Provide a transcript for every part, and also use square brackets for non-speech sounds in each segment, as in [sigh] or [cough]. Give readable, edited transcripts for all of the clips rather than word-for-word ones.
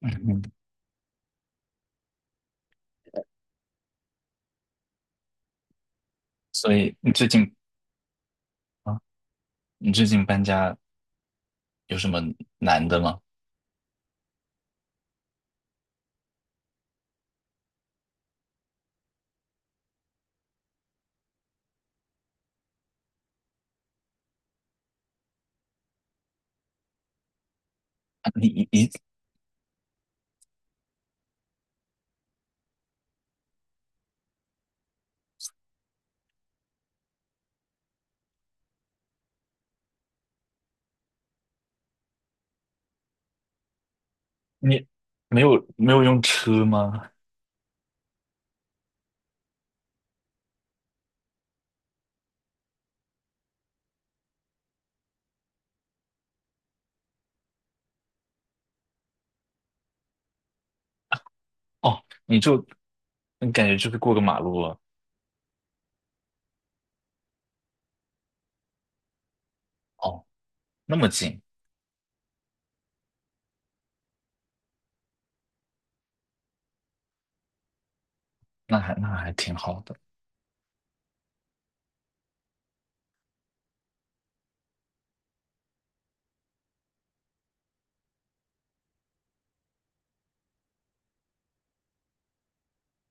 嗯，所以啊，你最近搬家有什么难的吗？啊你没有没有用车吗？哦，你感觉就是过个马路了。哦，那么近，那还挺好的。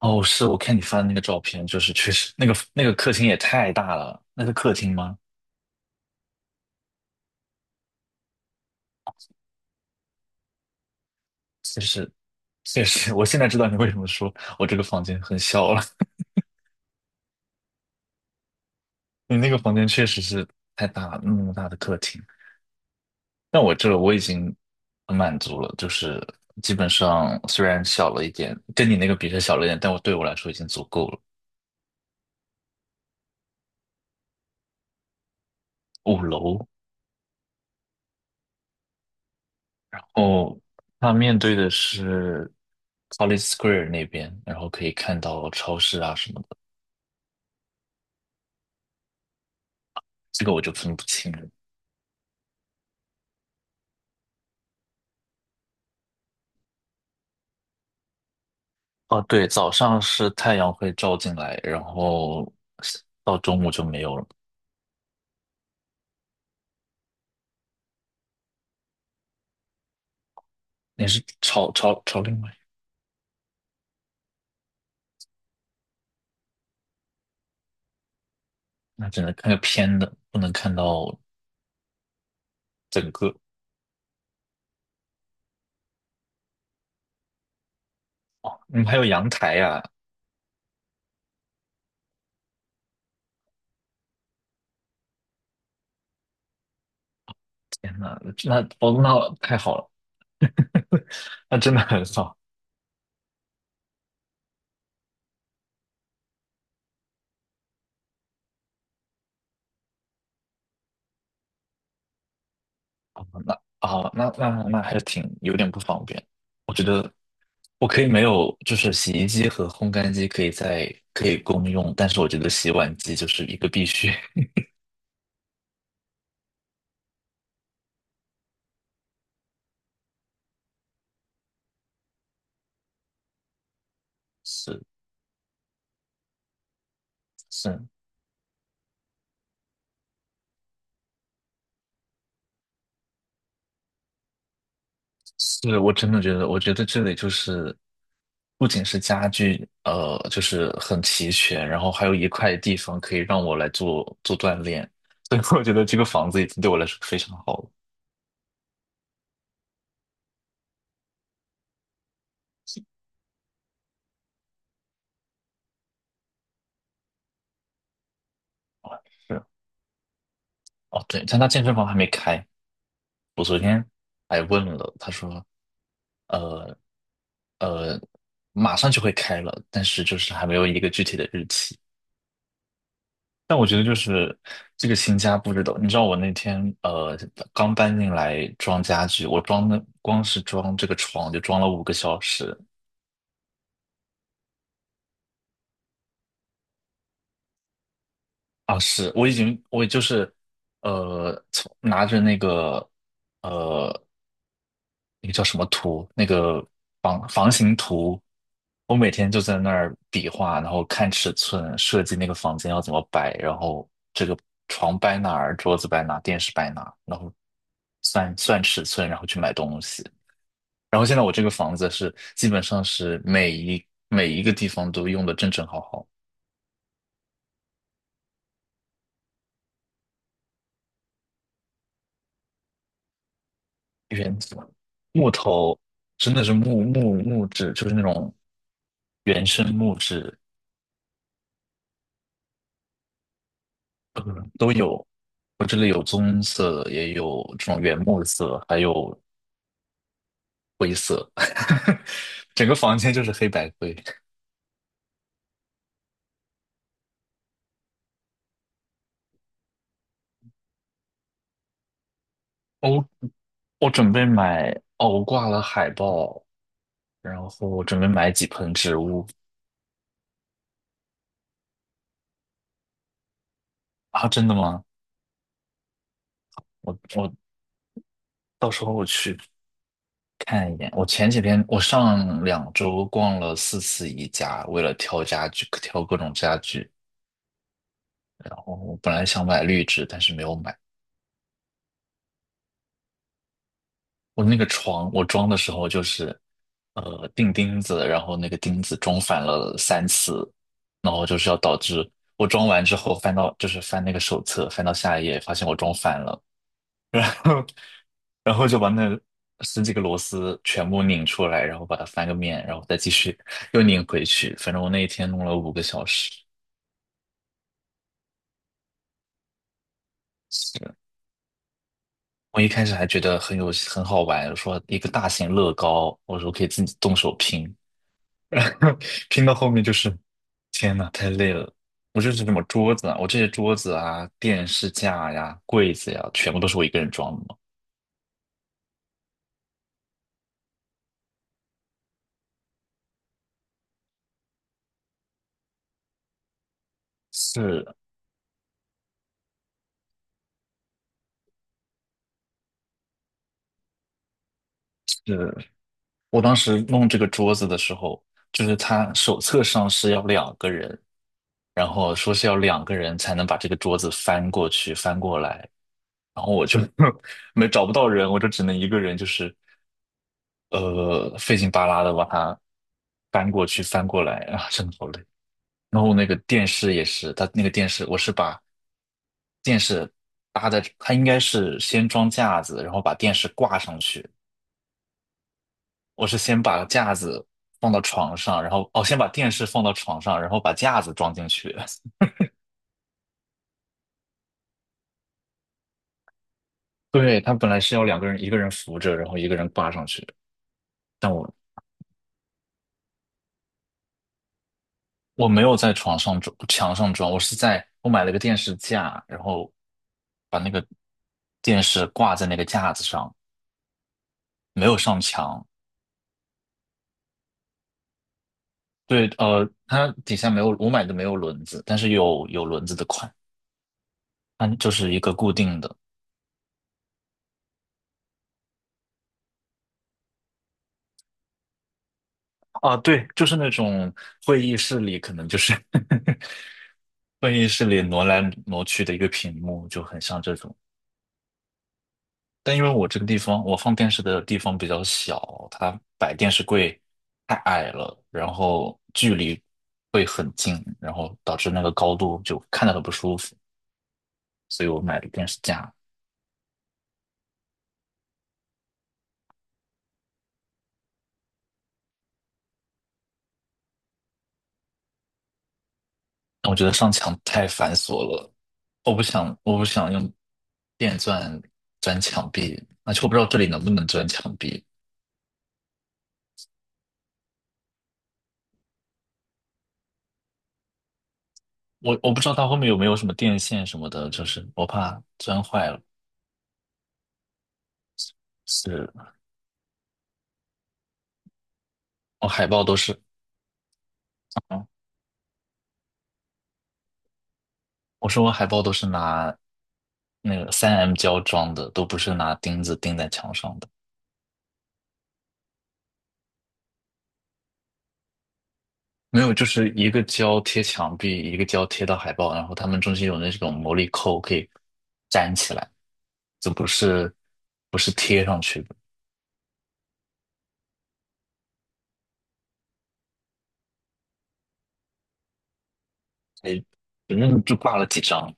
哦，是我看你发的那个照片，就是确实那个客厅也太大了，那是客厅吗？确实确实，我现在知道你为什么说我这个房间很小了。[laughs] 你那个房间确实是太大了，那么大的客厅。但我已经很满足了，就是基本上虽然小了一点，跟你那个比是小了一点，但我对我来说已经足够了。5楼。哦，它面对的是 College Square 那边，然后可以看到超市啊什么的，这个我就分不清了。哦，对，早上是太阳会照进来，然后到中午就没有了。你是朝另外，那只能看个偏的，不能看到整个。嗯，还有阳台呀、天呐，那哦，那太好了，[laughs] 那真的很少。那啊，那还是挺有点不方便。我觉得我可以没有，就是洗衣机和烘干机可以在可以共用，但是我觉得洗碗机就是一个必须。[laughs] 是是是，我真的觉得，我觉得这里就是不仅是家具，就是很齐全，然后还有一块地方可以让我来做做锻炼，[laughs] 所以我觉得这个房子已经对我来说非常好了。[laughs] 是。哦，对，但他健身房还没开。我昨天还问了，他说马上就会开了，但是就是还没有一个具体的日期。但我觉得就是这个新家布置的，你知道我那天刚搬进来装家具，我装的光是装这个床就装了五个小时。啊！是我已经我就是呃从拿着那个。呃。那个叫什么图，那个房型图，我每天就在那儿比划，然后看尺寸，设计那个房间要怎么摆，然后这个床摆哪儿，桌子摆哪儿，电视摆哪儿，然后算算尺寸，然后去买东西。然后现在我这个房子是基本上是每一个地方都用的正正好好。原木头真的是木质，就是那种原生木质。呃都有。我这里有棕色的，也有这种原木色，还有灰色，[laughs] 整个房间就是黑白灰。我我准备买。哦，我挂了海报，然后我准备买几盆植物。啊，真的吗？我到时候去看一眼。我前几天我上2周逛了4次宜家，为了挑家具，挑各种家具。然后我本来想买绿植，但是没有买。我那个床，我装的时候就是，钉钉子，然后那个钉子装反了3次，然后就是要导致我装完之后翻到，就是翻那个手册，翻到下一页，发现我装反了，[laughs] 然后，然后就把那十几个螺丝全部拧出来，然后把它翻个面，然后再继续又拧回去。反正我那一天弄了五个小时。是我一开始还觉得很好玩，说一个大型乐高，我说可以自己动手拼，[laughs] 拼到后面就是，天呐，太累了。我这是什么桌子啊，我这些桌子啊、电视架呀、柜子呀，全部都是我一个人装的嘛。是是，我当时弄这个桌子的时候，就是他手册上是要两个人，然后说是要两个人才能把这个桌子翻过去、翻过来，然后我就 [laughs] 没找不到人，我就只能一个人，就是费劲巴拉的把它翻过去、翻过来啊，真的好累。然后那个电视也是，它那个电视，我是把电视搭在，它应该是先装架子，然后把电视挂上去。我是先把架子放到床上，然后哦，先把电视放到床上，然后把架子装进去。[laughs] 对，它本来是要两个人，一个人扶着，然后一个人挂上去。但我没有在床上装，墙上装，我是在我买了个电视架，然后把那个电视挂在那个架子上，没有上墙。对，它底下没有，我买的没有轮子，但是有轮子的款，它就是一个固定的。啊，对，就是那种会议室里可能就是 [laughs] 会议室里挪来挪去的一个屏幕，就很像这种。但因为我这个地方，我放电视的地方比较小，它摆电视柜太矮了，然后距离会很近，然后导致那个高度就看着很不舒服，所以我买的电视架。我觉得上墙太繁琐了，我不想用电钻钻墙壁，而且我不知道这里能不能钻墙壁，我不知道它后面有没有什么电线什么的，就是我怕钻坏了。是。我海报都是，嗯，我说我海报都是拿那个3M 胶装的，都不是拿钉子钉在墙上的。没有，就是一个胶贴墙壁，一个胶贴到海报，然后他们中间有那种魔力扣可以粘起来，这不是贴上去的。哎，反正就挂了几张。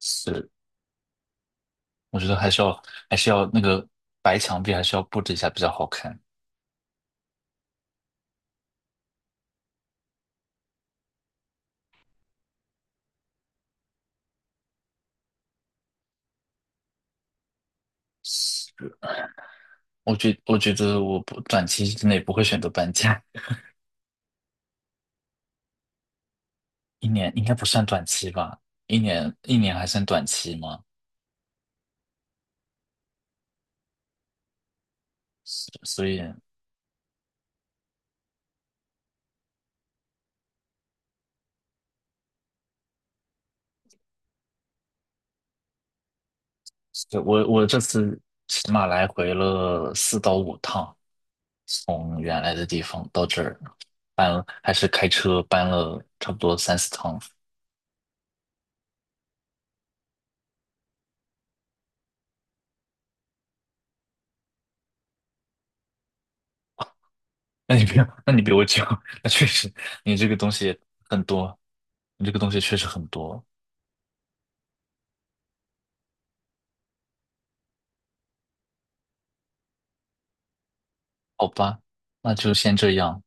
是。我觉得还是要那个白墙壁还是要布置一下比较好看。是。我觉得我不短期之内不会选择搬家。[laughs] 一年应该不算短期吧？一年还算短期吗？是所以。是。我这次起码来回了4到5趟，从原来的地方到这儿，搬了还是开车搬了差不多3、4趟。那你比我 [laughs] 那你比我久，[laughs] 那确实你这个东西很多，你这个东西确实很多。好吧，那就先这样。